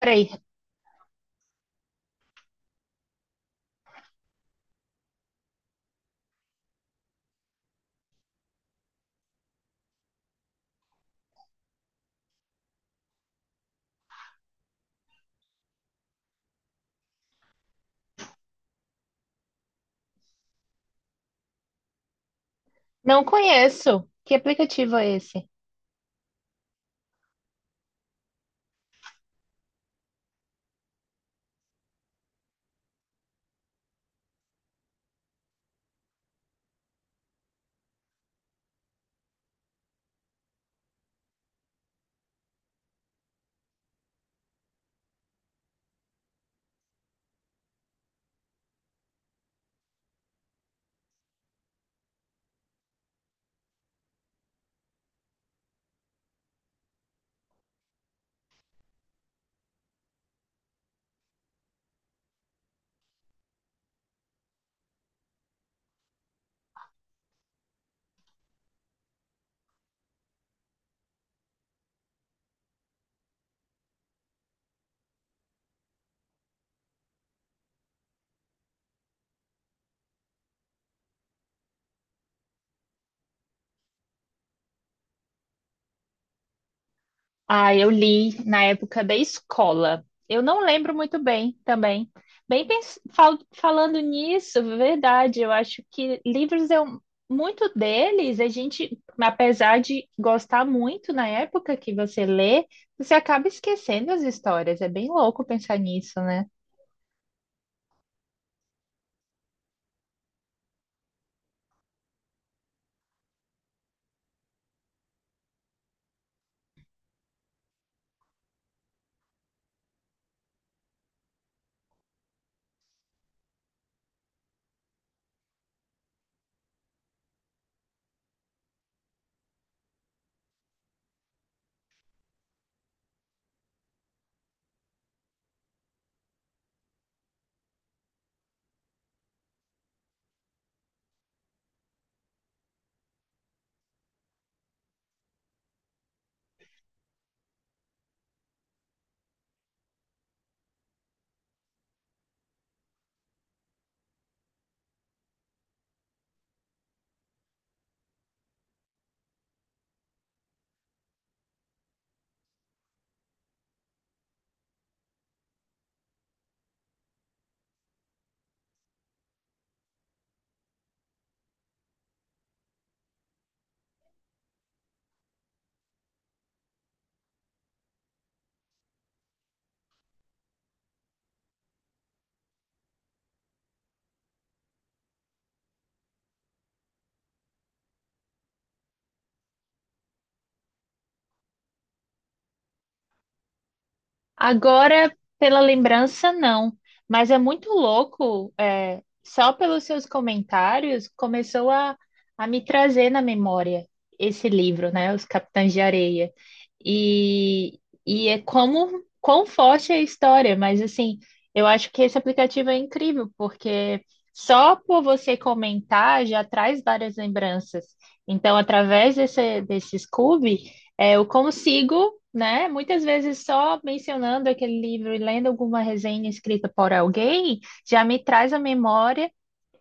Peraí, não conheço. Que aplicativo é esse? Ah, eu li na época da escola. Eu não lembro muito bem também. Bem, falando nisso, verdade, eu acho que livros eu muito deles, a gente, apesar de gostar muito na época que você lê, você acaba esquecendo as histórias. É bem louco pensar nisso, né? Agora, pela lembrança, não. Mas é muito louco, é, só pelos seus comentários, começou a me trazer na memória esse livro, né? Os Capitães de Areia. E, e é como, quão forte é a história, mas assim, eu acho que esse aplicativo é incrível, porque só por você comentar já traz várias lembranças. Então, através desse, desse Scoob. É, eu consigo, né? Muitas vezes só mencionando aquele livro e lendo alguma resenha escrita por alguém já me traz à memória.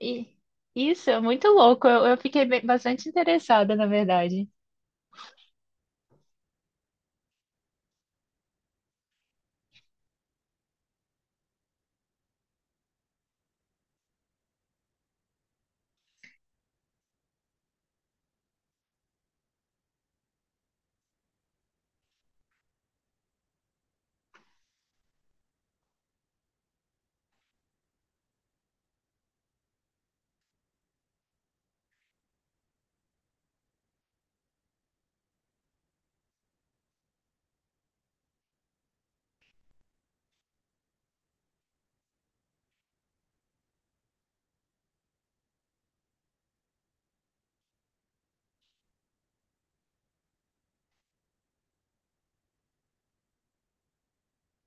E isso é muito louco. Eu fiquei bastante interessada, na verdade.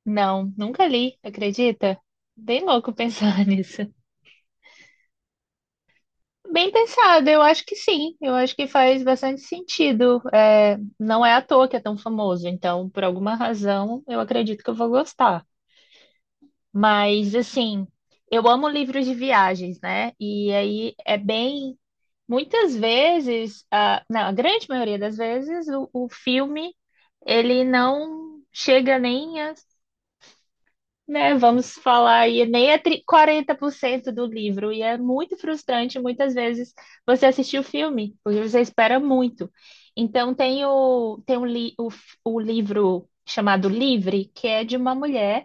Não, nunca li, acredita? Bem louco pensar nisso. Bem pensado, eu acho que sim. Eu acho que faz bastante sentido. É, não é à toa que é tão famoso, então, por alguma razão, eu acredito que eu vou gostar. Mas assim, eu amo livros de viagens, né? E aí é bem, muitas vezes, a, não, a grande maioria das vezes, o filme ele não chega nem a, né? Vamos falar aí, nem a 40% do livro. E é muito frustrante muitas vezes você assistir o filme, porque você espera muito. Então tem o, tem o, li, o, f- o livro chamado Livre, que é de uma mulher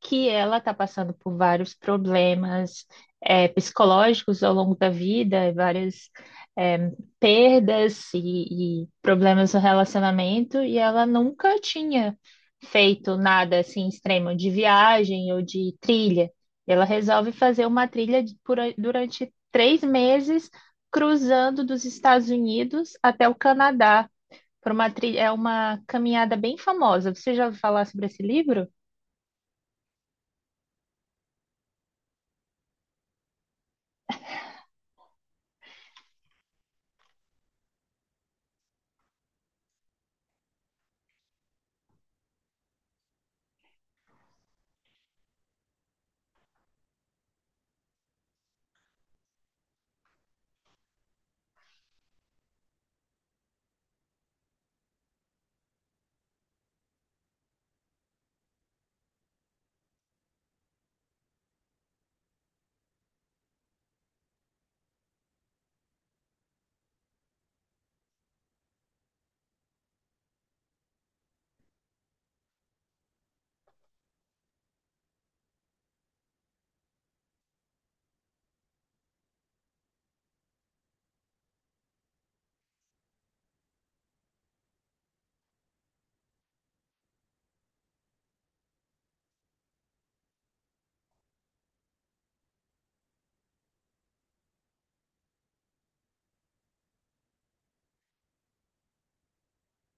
que ela está passando por vários problemas psicológicos ao longo da vida, várias é, perdas e problemas no relacionamento, e ela nunca tinha feito nada assim extremo de viagem ou de trilha. Ela resolve fazer uma trilha durante 3 meses, cruzando dos Estados Unidos até o Canadá. Por uma trilha, é uma caminhada bem famosa. Você já ouviu falar sobre esse livro?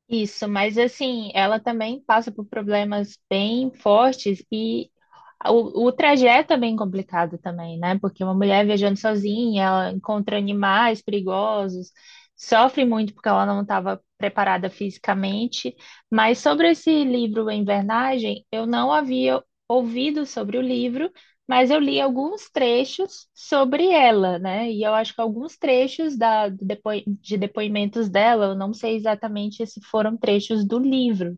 Isso, mas assim, ela também passa por problemas bem fortes e o trajeto é bem complicado também, né? Porque uma mulher viajando sozinha, ela encontra animais perigosos, sofre muito porque ela não estava preparada fisicamente. Mas sobre esse livro *A Invernagem, eu não havia ouvido sobre o livro, mas eu li alguns trechos sobre ela, né? E eu acho que alguns trechos do de depoimentos dela, eu não sei exatamente se foram trechos do livro.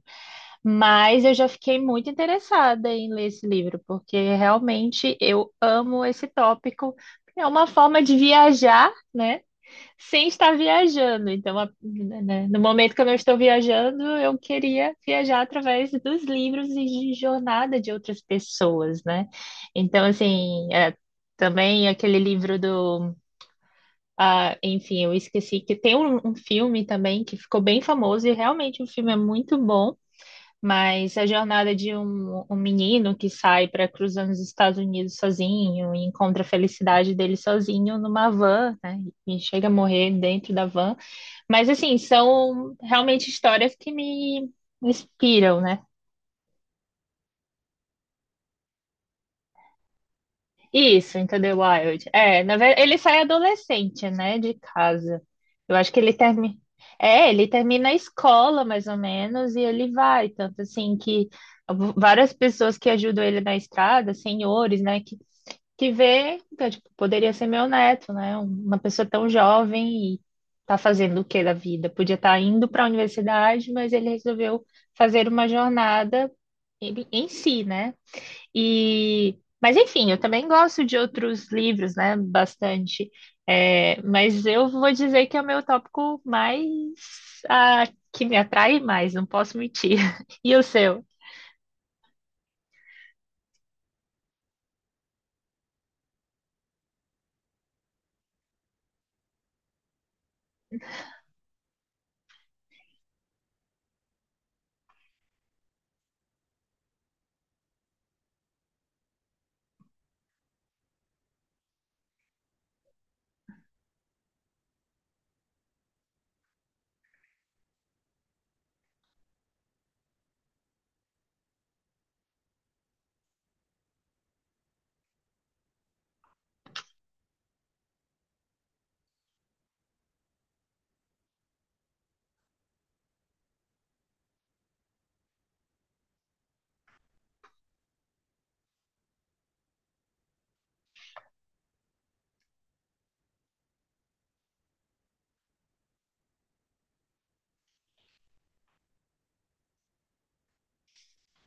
Mas eu já fiquei muito interessada em ler esse livro, porque realmente eu amo esse tópico. É uma forma de viajar, né? Sem estar viajando. Então, no momento que eu não estou viajando, eu queria viajar através dos livros e de jornada de outras pessoas, né? Então, assim, é, também aquele livro do. Ah, enfim, eu esqueci que tem um filme também que ficou bem famoso e realmente o filme é muito bom. Mas a jornada de um menino que sai para cruzar nos Estados Unidos sozinho e encontra a felicidade dele sozinho numa van, né? E chega a morrer dentro da van. Mas, assim, são realmente histórias que me inspiram, né? Isso, Into the Wild. É, na verdade, ele sai adolescente, né, de casa. Eu acho que ele termina. É, ele termina a escola, mais ou menos, e ele vai. Tanto assim que várias pessoas que ajudam ele na estrada, senhores, né, que vê, então, tipo, poderia ser meu neto, né? Uma pessoa tão jovem e tá fazendo o que da vida? Podia estar indo para a universidade, mas ele resolveu fazer uma jornada em si, né? E, mas enfim, eu também gosto de outros livros, né? Bastante. É, mas eu vou dizer que é o meu tópico mais ah, que me atrai mais, não posso mentir. E o seu?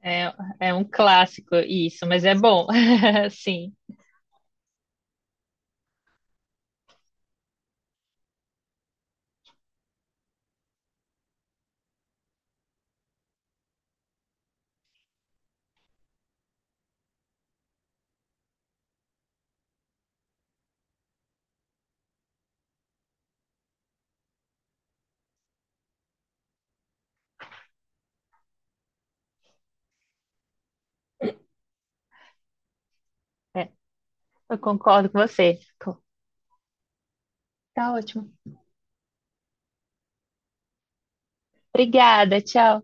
É, é um clássico isso, mas é bom, sim. É, eu concordo com você. Tá ótimo. Obrigada, tchau.